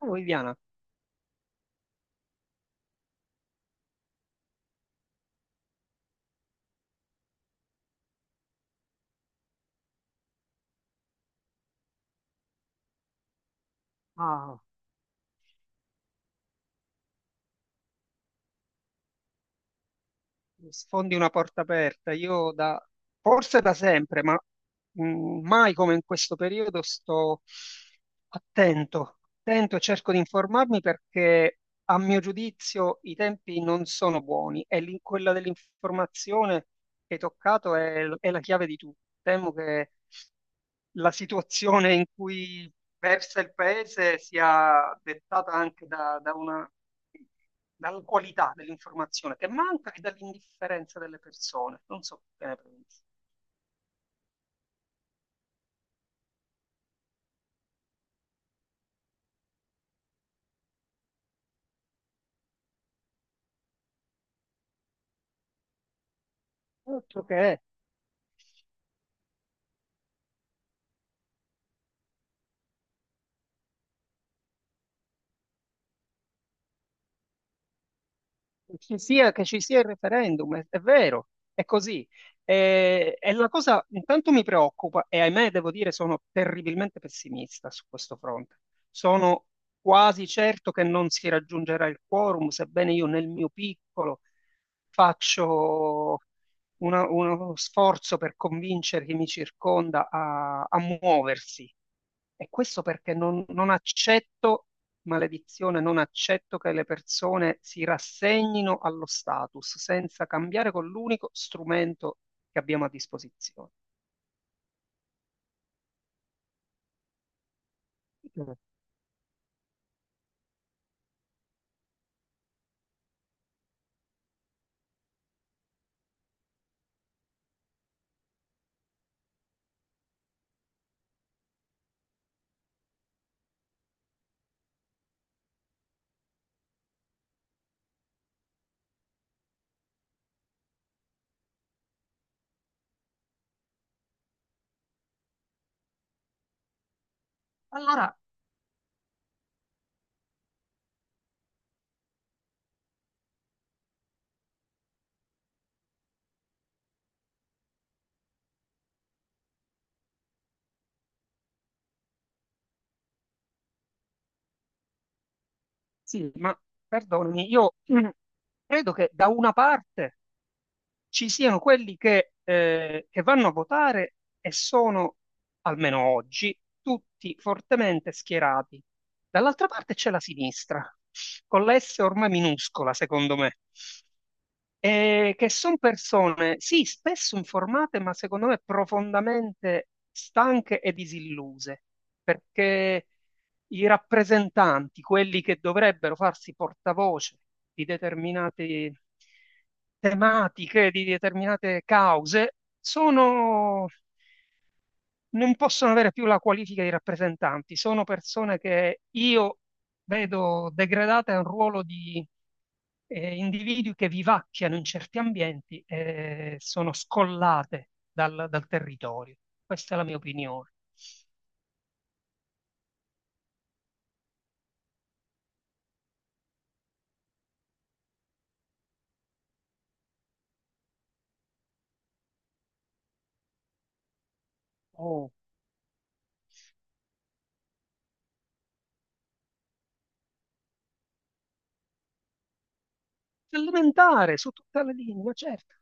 Oh, Viviana, ah, mi sfondi una porta aperta. Io da, forse da sempre, ma mai come in questo periodo sto attento, attento e cerco di informarmi perché a mio giudizio i tempi non sono buoni e quella dell'informazione che hai toccato è la chiave di tutto. Temo che la situazione in cui versa il paese sia dettata anche dalla qualità dell'informazione che manca e dall'indifferenza delle persone. Non so che ne pensi. Altro che è. Ci sia, che ci sia il referendum, è vero, è così. E la cosa intanto mi preoccupa, e ahimè devo dire sono terribilmente pessimista su questo fronte. Sono quasi certo che non si raggiungerà il quorum, sebbene io nel mio piccolo faccio uno sforzo per convincere chi mi circonda a muoversi. E questo perché non accetto. Maledizione, non accetto che le persone si rassegnino allo status senza cambiare con l'unico strumento che abbiamo a disposizione. Allora, sì, ma perdonami, io credo che da una parte ci siano quelli che che vanno a votare e sono, almeno oggi, tutti fortemente schierati. Dall'altra parte c'è la sinistra, con la S ormai minuscola, secondo me. Che sono persone, sì, spesso informate, ma secondo me profondamente stanche e disilluse, perché i rappresentanti, quelli che dovrebbero farsi portavoce di determinate tematiche, di determinate cause, sono, non possono avere più la qualifica di rappresentanti, sono persone che io vedo degradate a un ruolo di individui che vivacchiano in certi ambienti e sono scollate dal territorio. Questa è la mia opinione. Oh, elementare, su tutte le linee, ma certo.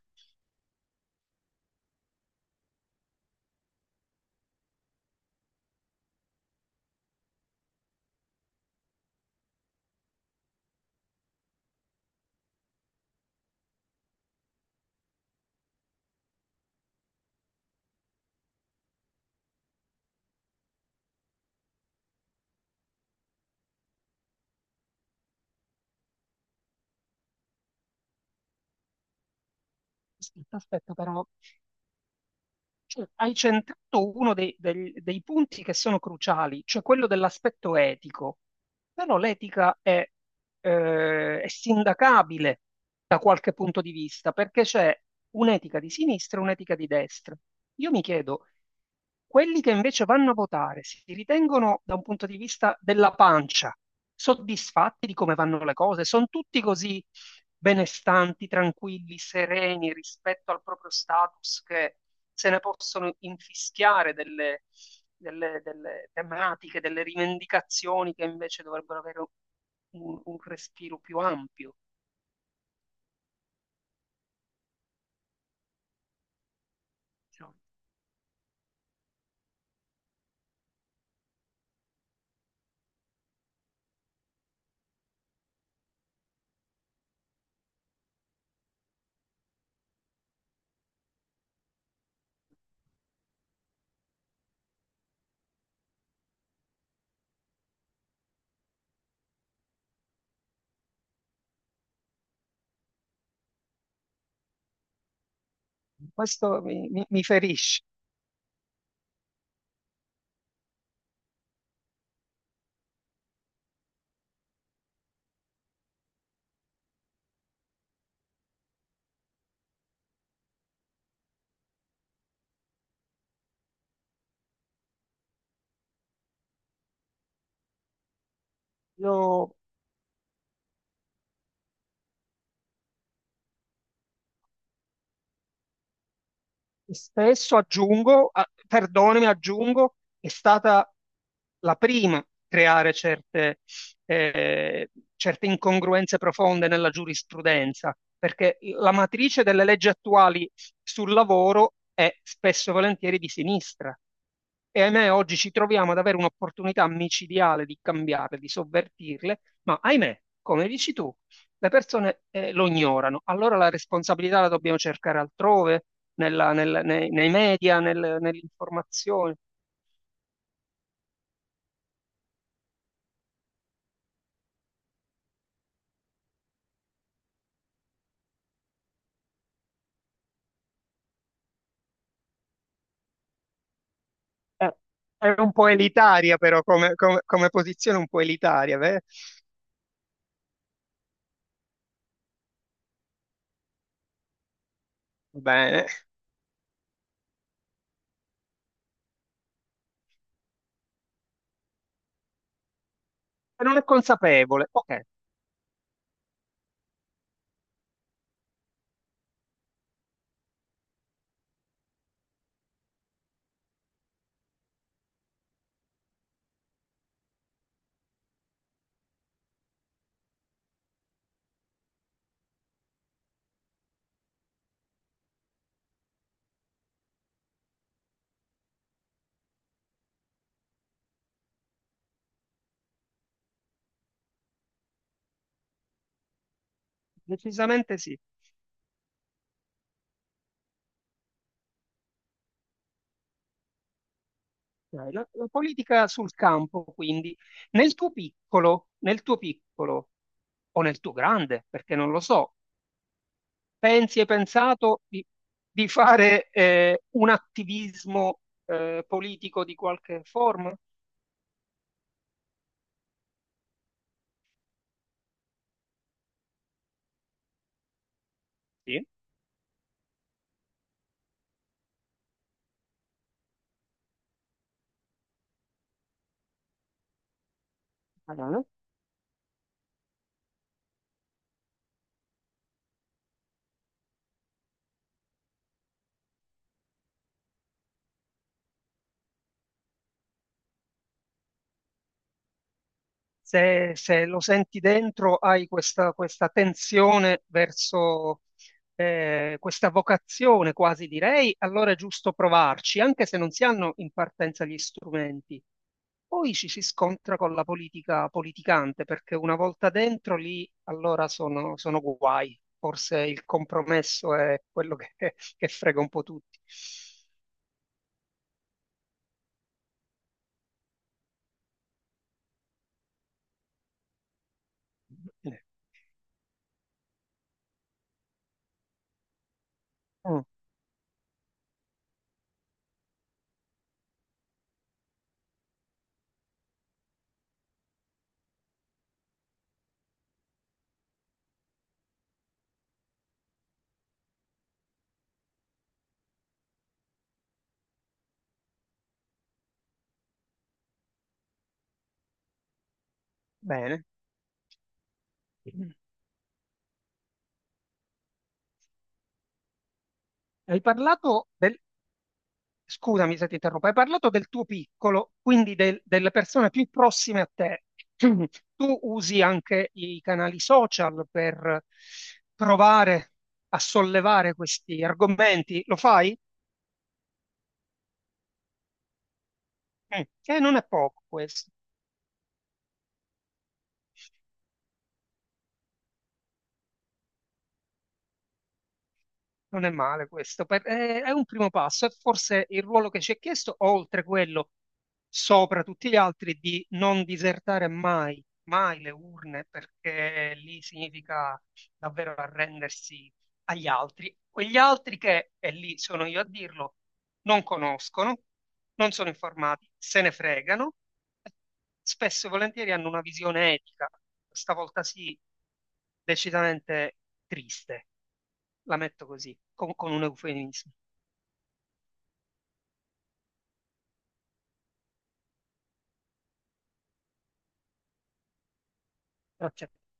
Aspetta, aspetta, però cioè, hai centrato uno dei punti che sono cruciali, cioè quello dell'aspetto etico. Però l'etica è sindacabile da qualche punto di vista, perché c'è un'etica di sinistra e un'etica di destra. Io mi chiedo, quelli che invece vanno a votare si ritengono da un punto di vista della pancia soddisfatti di come vanno le cose? Sono tutti così benestanti, tranquilli, sereni rispetto al proprio status che se ne possono infischiare delle tematiche, delle rivendicazioni che invece dovrebbero avere un respiro più ampio. Diciamo. Questo mi ferisce. Io spesso aggiungo, perdonami, aggiungo, è stata la prima a creare certe, certe incongruenze profonde nella giurisprudenza, perché la matrice delle leggi attuali sul lavoro è spesso e volentieri di sinistra. E ahimè, oggi ci troviamo ad avere un'opportunità micidiale di cambiarle, di sovvertirle, ma ahimè, come dici tu, le persone lo ignorano. Allora la responsabilità la dobbiamo cercare altrove, nei media, nell'informazione. Eh, è un po' elitaria, però, come posizione un po' elitaria, beh. Bene. E non è consapevole. Ok, decisamente sì. Dai, la politica sul campo, quindi, nel tuo piccolo o nel tuo grande, perché non lo so, pensi, hai pensato di fare un attivismo politico di qualche forma? Sì. Ah, no, no. Se, se lo senti dentro, hai questa, questa tensione verso questa vocazione quasi direi, allora è giusto provarci, anche se non si hanno in partenza gli strumenti. Poi ci si scontra con la politica politicante, perché una volta dentro lì allora sono, sono guai. Forse il compromesso è quello che frega un po' tutti. Mm, bene. Hai parlato del Scusami se ti interrompo, hai parlato del tuo piccolo, quindi delle persone più prossime a te. Tu usi anche i canali social per provare a sollevare questi argomenti, lo fai? Mm. Non è poco questo. Non è male questo, è un primo passo, è forse il ruolo che ci è chiesto, oltre quello sopra tutti gli altri, di non disertare mai, mai le urne, perché lì significa davvero arrendersi agli altri. Quegli altri che, e lì sono io a dirlo, non conoscono, non sono informati, se ne fregano, spesso e volentieri hanno una visione etica, stavolta sì, decisamente triste. La metto così, con un eufemismo. Grazie a